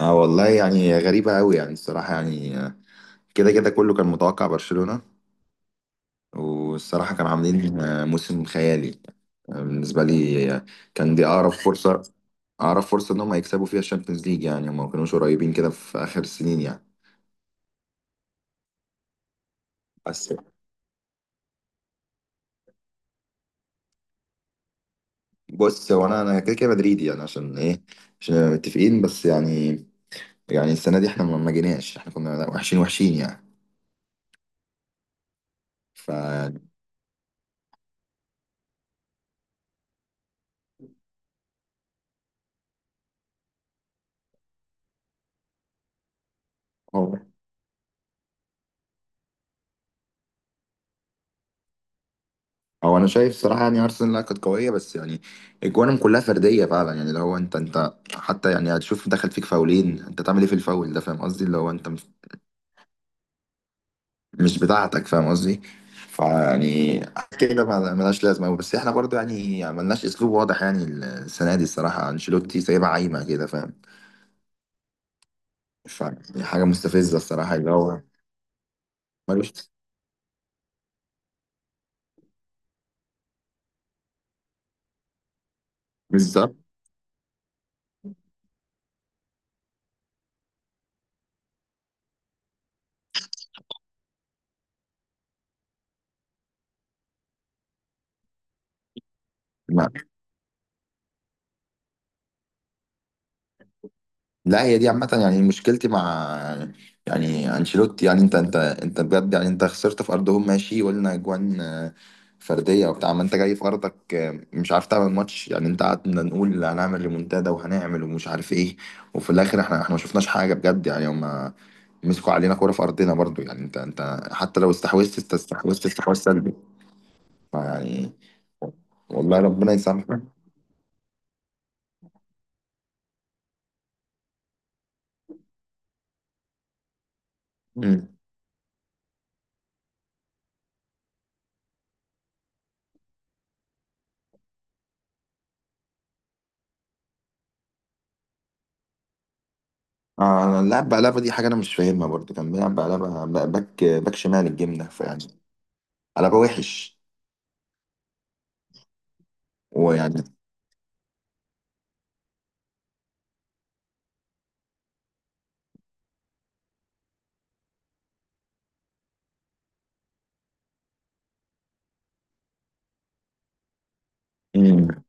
اه والله يعني غريبة قوي يعني الصراحة يعني كده كده كله كان متوقع برشلونة. والصراحة كانوا عاملين موسم خيالي بالنسبة لي. كان دي أقرب فرصة، إن هم يكسبوا فيها الشامبيونز ليج، يعني هم ما كانوش قريبين كده في آخر السنين يعني. بس بص، هو أنا كده كده مدريدي، يعني عشان إيه؟ عشان متفقين، بس يعني، يعني السنة دي إحنا ما جيناش، إحنا كنا وحشين وحشين يعني. ف هو انا شايف صراحه، يعني ارسنال لا كانت قويه بس يعني اجوانهم كلها فرديه فعلا، يعني اللي هو انت حتى، يعني هتشوف دخل فيك فاولين، انت تعمل ايه في الفاول ده؟ فاهم قصدي؟ اللي هو انت مش بتاعتك، فاهم قصدي؟ فيعني كده، ملهاش لازمه أوي. بس احنا برضو يعني ملناش اسلوب واضح، يعني السنه دي الصراحه انشيلوتي سايبها عايمه كده، فاهم؟ فحاجه مستفزه الصراحه، اللي هو ملوش بالظبط. لا هي دي عامة، يعني مشكلتي مع، يعني انشيلوتي، يعني انت بجد، يعني انت خسرت في ارضهم، ماشي، وقلنا اجوان فردية وبتاع، ما انت جاي في ارضك مش عارف تعمل ماتش، يعني انت قعدنا نقول هنعمل ريمونتادا وهنعمل ومش عارف ايه، وفي الاخر احنا ما شفناش حاجة بجد، يعني هما مسكوا علينا كورة في ارضنا برضو، يعني انت حتى لو استحوذت، استحوذت استحواذ سلبي. فيعني، والله ربنا يسامحك. أنا اللعب بقلبة دي حاجة أنا مش فاهمها برضه، كان بيلعب بقلبة باك شمال الجبنة، فيعني قلبة وحش، ويعني. مم.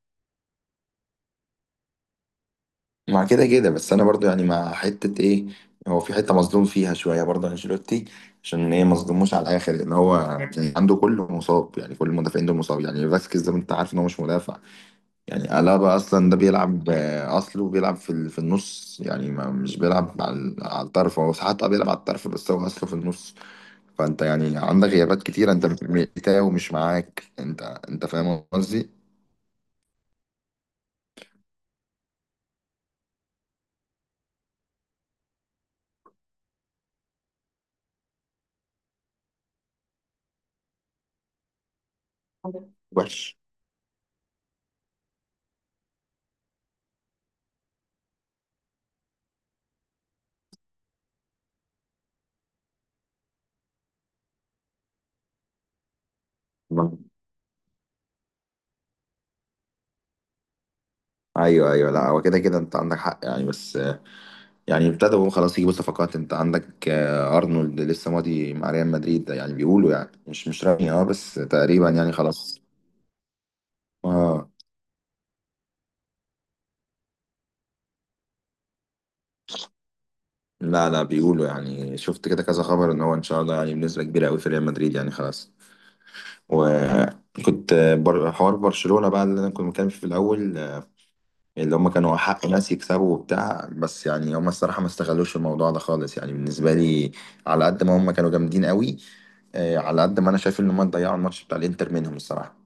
مع كده كده بس أنا برضه يعني مع حتة إيه، هو في حتة مظلوم فيها شوية برضه أنشيلوتي، عشان إيه مظلوموش على الآخر؟ لأن هو يعني عنده كله مصاب، يعني كل المدافعين دول مصاب، يعني فاسكيز ده أنت عارف إن هو مش مدافع، يعني قلبة أصلا ده بيلعب، أصله بيلعب في في النص، يعني ما مش بيلعب على الطرف، هو ساعات بيلعب على الطرف، بس هو أصله في النص. فانت يعني عندك غيابات كتيره، انت بتاعه مش معاك، انت فاهم قصدي؟ أيوة. وحش. ما- ايوه ايوه، لا هو كده كده انت عندك حق يعني، بس يعني ابتدوا خلاص يجيبوا صفقات، انت عندك ارنولد لسه ماضي مع ريال مدريد ده، يعني بيقولوا، يعني مش رسمي، اه، بس تقريبا يعني خلاص. اه، لا، لا بيقولوا، يعني شفت كده كذا خبر ان هو ان شاء الله يعني بنسبه كبيره قوي في ريال مدريد، يعني خلاص. وكنت حوار برشلونه بقى اللي انا كنت متكلم فيه في الاول، اللي هم كانوا حق ناس يكسبوا وبتاع، بس يعني هم الصراحة ما استغلوش الموضوع ده خالص، يعني بالنسبة لي، على قد ما هم كانوا جامدين قوي، على قد ما انا شايف ان هم ضيعوا الماتش بتاع الانتر منهم، الصراحة.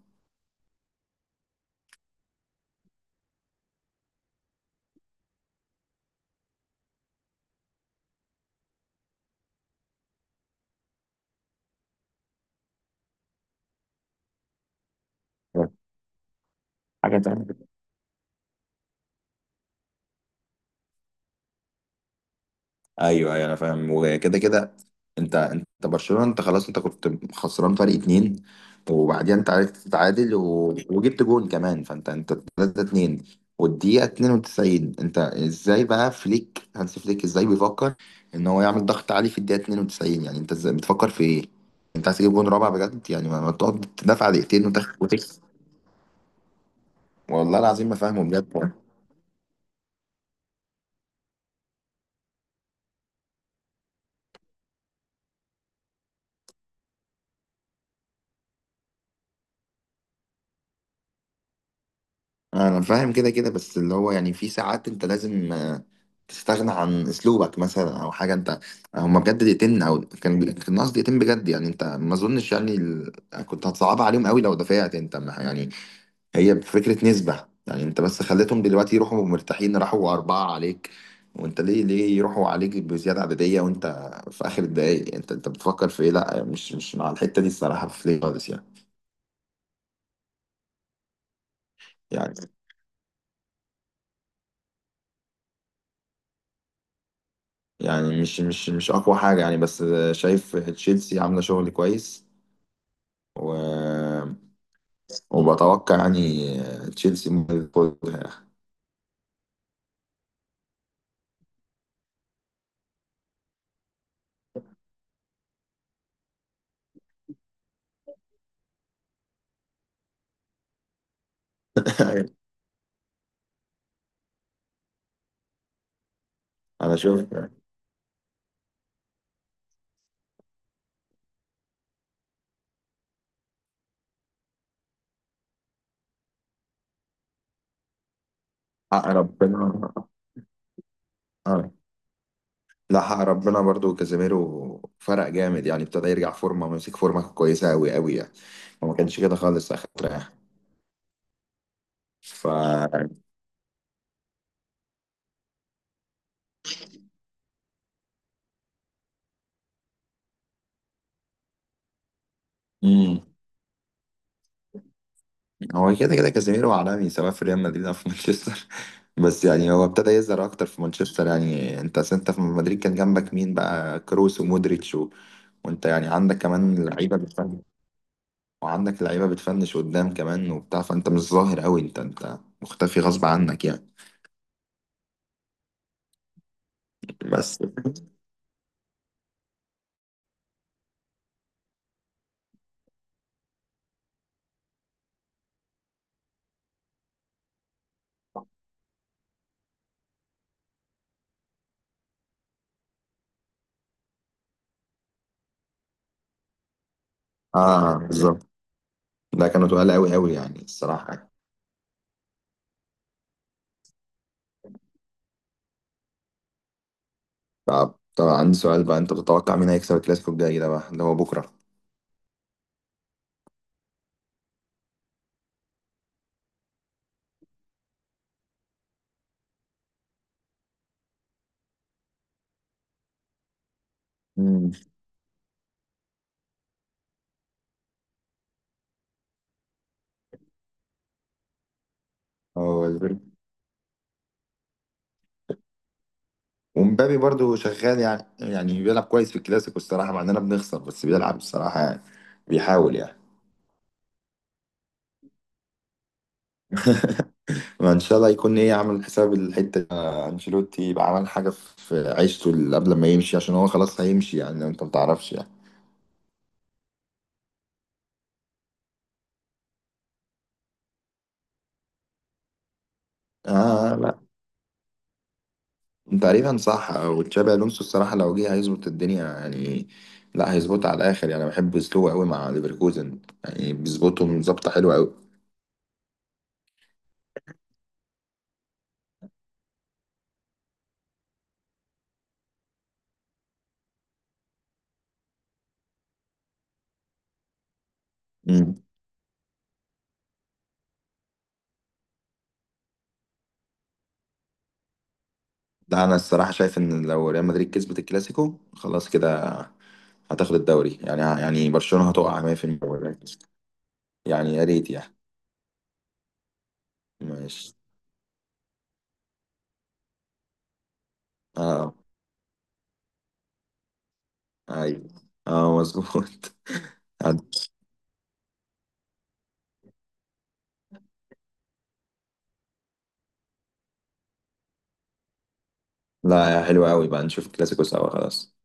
حاجة تانية، ايوه ايوه، انا فاهم، وكده كده انت، برشلونه، انت خلاص انت كنت خسران فرق اتنين، وبعدين انت عرفت تتعادل وجبت جون كمان، فانت 3-2، والدقيقه 92، انت ازاي بقى؟ فليك، هانس فليك، ازاي بيفكر ان هو يعمل ضغط عالي في الدقيقه 92؟ يعني انت ازاي بتفكر في ايه؟ انت عايز تجيب جون رابع بجد؟ يعني ما تقعد تدافع دقيقتين وتكسب. والله العظيم ما فاهمه بجد. انا فاهم كده كده، بس اللي هو يعني في ساعات انت لازم تستغنى عن اسلوبك مثلا او حاجه. انت هما بجد دقيقتين، او كان الناس دقيقتين بجد، يعني انت ما اظنش يعني كنت هتصعبها عليهم قوي لو دفعت انت، يعني، هي فكره نسبه، يعني انت بس خليتهم دلوقتي يروحوا مرتاحين، راحوا اربعه عليك. وانت ليه يروحوا عليك بزياده عدديه وانت في اخر الدقايق؟ يعني انت بتفكر في ايه؟ لا مش مع الحته دي، الصراحه في ليه خالص يعني. يعني يعني مش اقوى حاجه يعني، بس شايف تشيلسي عامله شغل كويس، و... وبتوقع يعني تشيلسي ممكن ياخدها. انا شوف حق ربنا. آه. لا، حق ربنا برضو كازيميرو فرق جامد، يعني ابتدى يرجع فورمه ومسك فورمه كويسه قوي قوي يعني. وما كانش كده خالص اخر فتره يعني. ف مم. هو كده كده كازيميرو عالمي، سواء في ريال مدريد او في مانشستر. بس يعني هو ابتدى يظهر اكتر في مانشستر. يعني انت أصل انت في مدريد كان جنبك مين بقى؟ كروس، ومودريتش، وانت يعني عندك كمان لعيبه بتفنش، وعندك لعيبه بتفنش قدام كمان وبتاع، فانت مش ظاهر قوي، انت مختفي غصب عنك يعني. بس اه، بالظبط، ده كانوا تقال قوي قوي، يعني الصراحه يعني. طب عندي سؤال بقى، انت بتتوقع مين هيكسب الكلاسيكو الجاي ده بقى اللي هو بكره؟ امم هو ومبابي برضو شغال، يعني بيلعب كويس في الكلاسيكو الصراحة، مع اننا بنخسر بس بيلعب الصراحة، يعني بيحاول يعني. ما ان شاء الله يكون ايه عامل حساب الحتة دي. انشيلوتي يبقى عمل حاجة في عيشته اللي قبل ما يمشي، عشان هو خلاص هيمشي، يعني انت ما تعرفش يعني. اه، لا، تقريبا صح، وتشابي الونسو الصراحة لو جه هيظبط الدنيا يعني. لا، هيظبطها على الاخر، يعني انا بحب اسلوبه قوي مع ليفركوزن، يعني بيظبطهم ظبطة حلوة قوي. مم. ده انا الصراحة شايف ان لو ريال مدريد كسبت الكلاسيكو خلاص كده هتاخد الدوري، يعني برشلونة هتقع 100% ولا؟ يعني يا ريت يعني. ماشي. اه. ايوه. اه مظبوط. لا يا حلوة قوي، بقى نشوف الكلاسيكو سوا، خلاص.